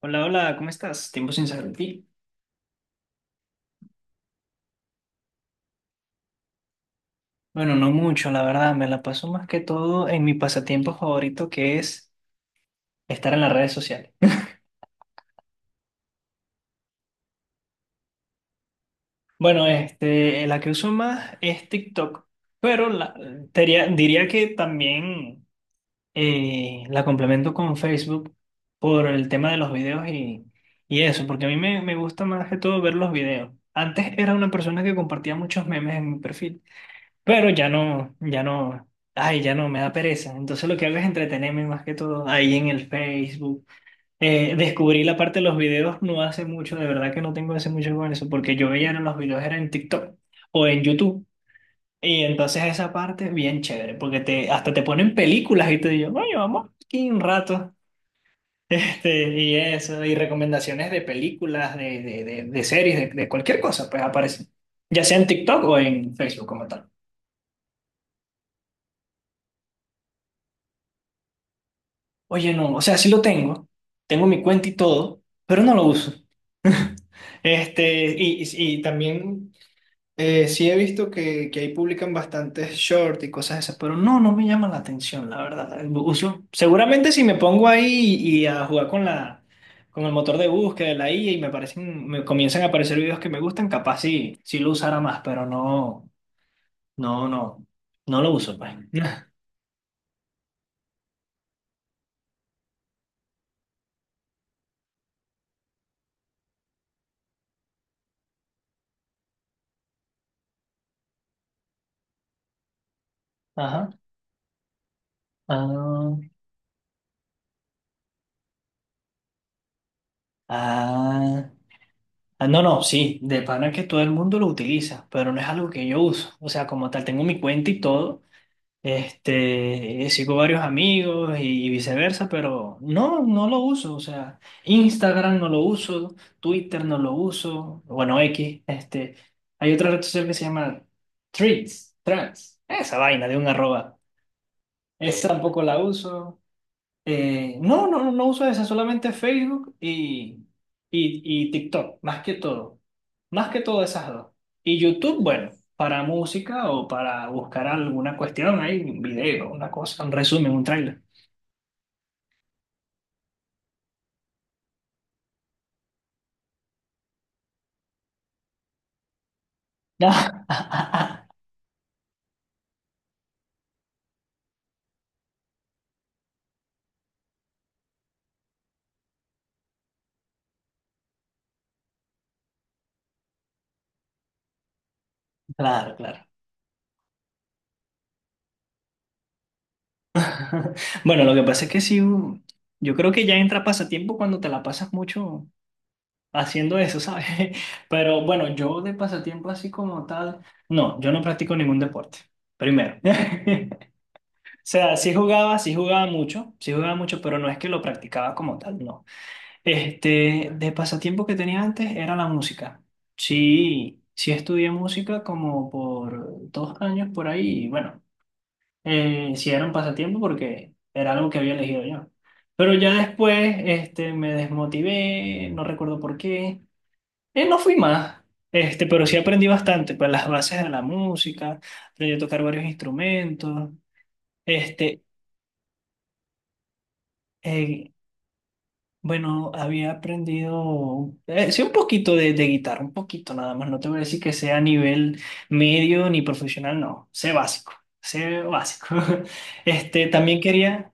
Hola, hola, ¿cómo estás? Tiempo sin saber de ti. Bueno, no mucho, la verdad, me la paso más que todo en mi pasatiempo favorito que es estar en las redes sociales. Bueno, la que uso más es TikTok, pero diría que también la complemento con Facebook por el tema de los videos y eso, porque a mí me gusta más que todo ver los videos. Antes era una persona que compartía muchos memes en mi perfil. Pero ya no, ya no, ay, ya no, me da pereza. Entonces lo que hago es entretenerme más que todo ahí en el Facebook. Descubrí la parte de los videos no hace mucho, de verdad que no tengo hace mucho con eso, porque yo veía los videos era en TikTok o en YouTube. Y entonces esa parte es bien chévere, porque hasta te ponen películas y te digo, bueno, vamos aquí un rato. Y eso, y recomendaciones de películas, de series, de cualquier cosa, pues aparecen, ya sea en TikTok o en Facebook como tal. Oye, no, o sea, sí lo tengo, tengo mi cuenta y todo, pero no lo uso. Este, y, y, y también sí he visto que ahí publican bastantes shorts y cosas esas, pero no me llama la atención, la verdad. Uso, seguramente si me pongo ahí y a jugar con con el motor de búsqueda de la IA y me comienzan a aparecer videos que me gustan, capaz sí lo usara más, pero no, no, no, no lo uso, pues. Ajá. Ah, ah. Ah, no, no, sí, de pana que todo el mundo lo utiliza, pero no es algo que yo uso. O sea, como tal, tengo mi cuenta y todo. Sigo varios amigos y viceversa, pero no lo uso. O sea, Instagram no lo uso, Twitter no lo uso, bueno, X. Hay otra red social que se llama Threads, Trans, esa vaina de un arroba. Esa tampoco la uso. No, no, no uso esa, solamente Facebook y TikTok, más que todo. Más que todo esas dos. Y YouTube, bueno, para música o para buscar alguna cuestión, hay un video, una cosa, un resumen, un tráiler. Claro, claro. Bueno, lo que pasa es que sí, yo creo que ya entra pasatiempo cuando te la pasas mucho haciendo eso, ¿sabes? Pero bueno, yo de pasatiempo así como tal, no, yo no practico ningún deporte, primero. O sea, sí jugaba mucho, pero no es que lo practicaba como tal, no. De pasatiempo que tenía antes era la música. Sí, sí estudié música como por 2 años por ahí, y bueno, sí era un pasatiempo porque era algo que había elegido yo. Pero ya después, me desmotivé, no recuerdo por qué. No fui más, pero sí aprendí bastante, pues las bases de la música, aprendí a tocar varios instrumentos, este... Eh, Bueno, había aprendido, sí, un poquito de guitarra, un poquito nada más. No te voy a decir que sea a nivel medio ni profesional, no. Sé básico, sé básico. También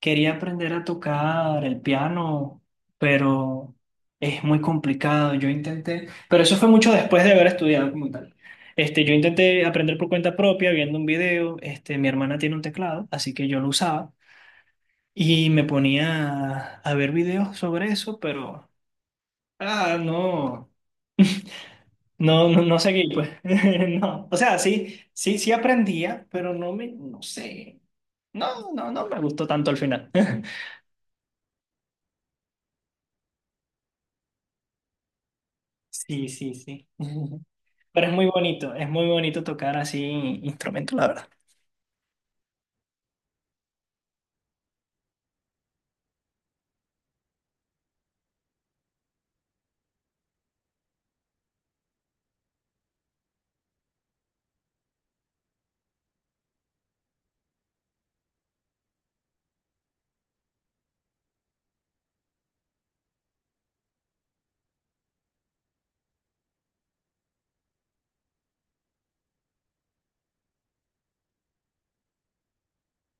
quería aprender a tocar el piano, pero es muy complicado. Yo intenté, pero eso fue mucho después de haber estudiado como tal. Yo intenté aprender por cuenta propia, viendo un video. Mi hermana tiene un teclado, así que yo lo usaba. Y me ponía a ver videos sobre eso, pero no, no, no, no seguí, pues. No. O sea, sí, sí, sí aprendía, pero no sé. No, no, no me gustó tanto al final. Sí, sí, sí. Pero es muy bonito tocar así instrumentos, la verdad.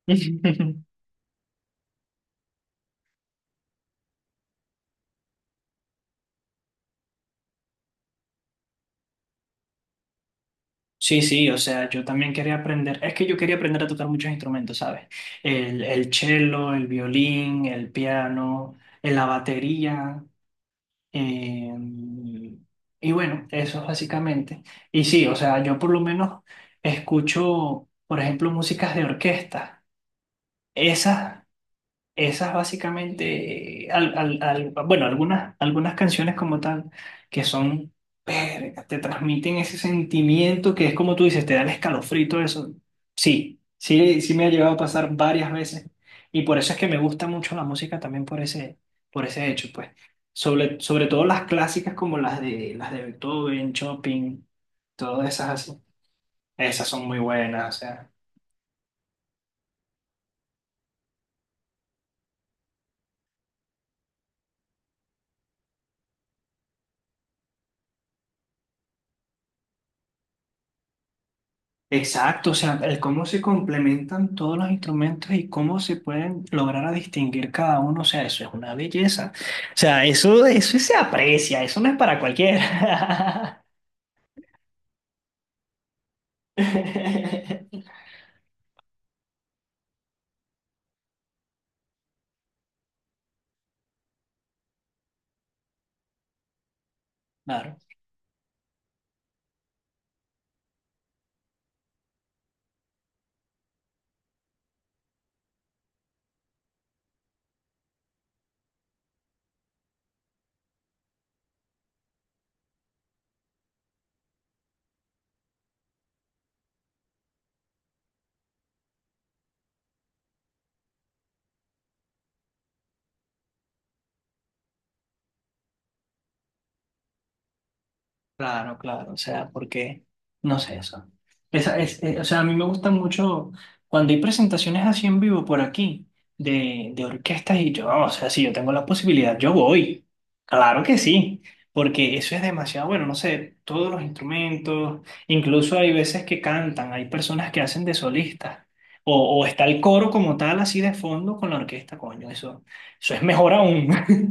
Sí, sí, o sea, yo también quería aprender, es que yo quería aprender a tocar muchos instrumentos, ¿sabes? El cello, el violín, el piano, la batería. Eh, y bueno, eso es básicamente. Y sí, o sea, yo por lo menos escucho, por ejemplo, músicas de orquesta. Esas Esas básicamente, bueno, algunas canciones como tal, que son, verga, te transmiten ese sentimiento que es como tú dices, te da el escalofrito eso. Sí, sí, sí me ha llegado a pasar varias veces. Y por eso es que me gusta mucho la música también por ese hecho, pues. Sobre todo las clásicas como las de Beethoven, Chopin, todas esas así. Esas son muy buenas, o sea. Exacto, o sea, el cómo se complementan todos los instrumentos y cómo se pueden lograr a distinguir cada uno, o sea, eso es una belleza. O sea, eso se aprecia, eso no es para cualquiera. Claro. Claro, claro, o sea, porque, no sé eso. O sea, a mí me gusta mucho cuando hay presentaciones así en vivo por aquí de orquestas y yo, o sea, si yo tengo la posibilidad, yo voy. Claro que sí, porque eso es demasiado bueno, no sé, todos los instrumentos, incluso hay veces que cantan, hay personas que hacen de solistas, o está el coro como tal así de fondo con la orquesta, coño, eso es mejor aún.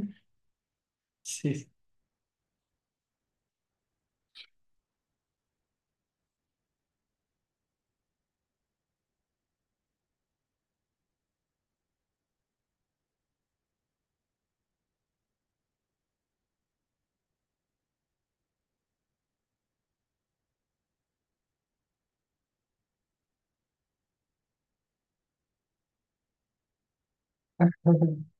Sí.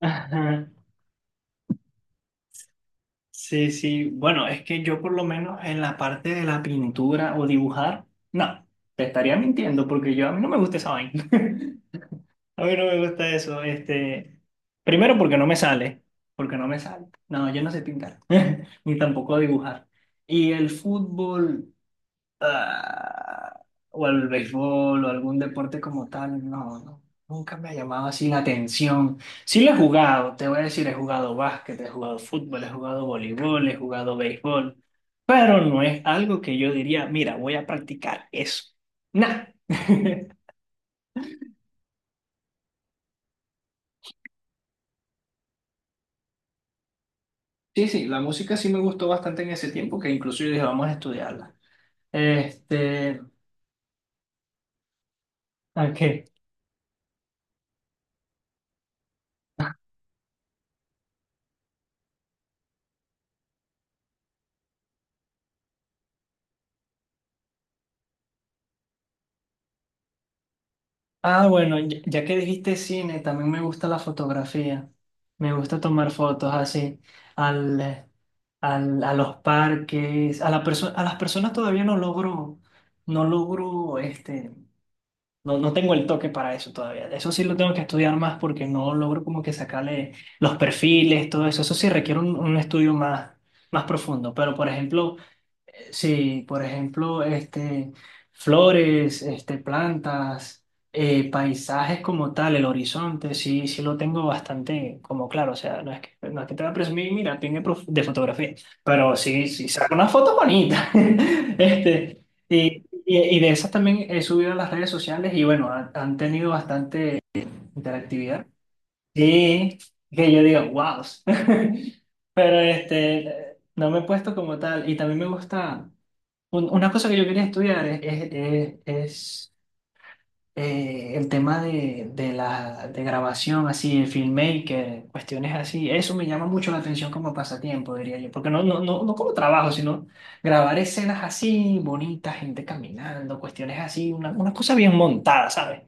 Ajá. Sí, sí. Bueno, es que yo por lo menos en la parte de la pintura o dibujar, no, te estaría mintiendo porque yo a mí no me gusta esa vaina. A mí no me gusta eso. Primero porque no me sale, porque no me sale. No, yo no sé pintar, ni tampoco dibujar. Y el fútbol ah, o al béisbol o algún deporte como tal, no, no, nunca me ha llamado así la atención. Sí lo he jugado, te voy a decir, he jugado básquet, he jugado fútbol, he jugado voleibol, he jugado béisbol, pero no es algo que yo diría, mira, voy a practicar eso. Nah. Sí, sí, la música sí me gustó bastante en ese tiempo, que incluso yo dije, vamos a estudiarla. Este, ok. Ah, bueno, ya que dijiste cine, también me gusta la fotografía. Me gusta tomar fotos así al, eh, a los parques, a las personas todavía no logro, no logro, este, no tengo el toque para eso todavía. Eso sí lo tengo que estudiar más porque no logro como que sacarle los perfiles, todo eso. Eso sí requiere un estudio más profundo. Sí, por ejemplo, flores, plantas, paisajes como tal, el horizonte, sí, sí lo tengo bastante como claro. O sea, no es que te voy a presumir, mira, tiene de fotografía, pero sí, sí, saco una foto bonita. Este, y de esas también he subido a las redes sociales y bueno, han tenido bastante interactividad. Sí, que yo digo, wow. Pero no me he puesto como tal. Y también me gusta. Una cosa que yo quería estudiar es, el tema de la de grabación, así, el filmmaker, cuestiones así. Eso me llama mucho la atención como pasatiempo, diría yo. Porque no, no, no, no como trabajo, sino grabar escenas así, bonitas, gente caminando, cuestiones así, una cosa bien montada, ¿sabes?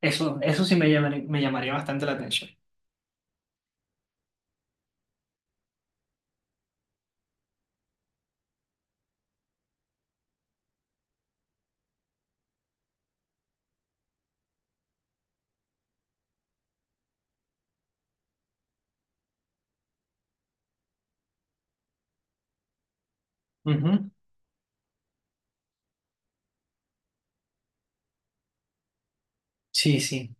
Eso sí me llamaría bastante la atención. Ujú. Sí, sí.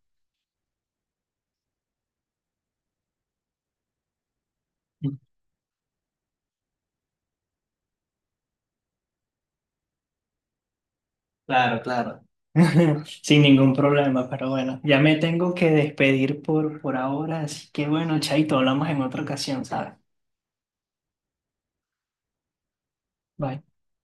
Claro, claro. Sin ningún problema, pero bueno, ya me tengo que despedir por ahora, así que bueno, Chaito, hablamos en otra ocasión, ¿sabes? Bye.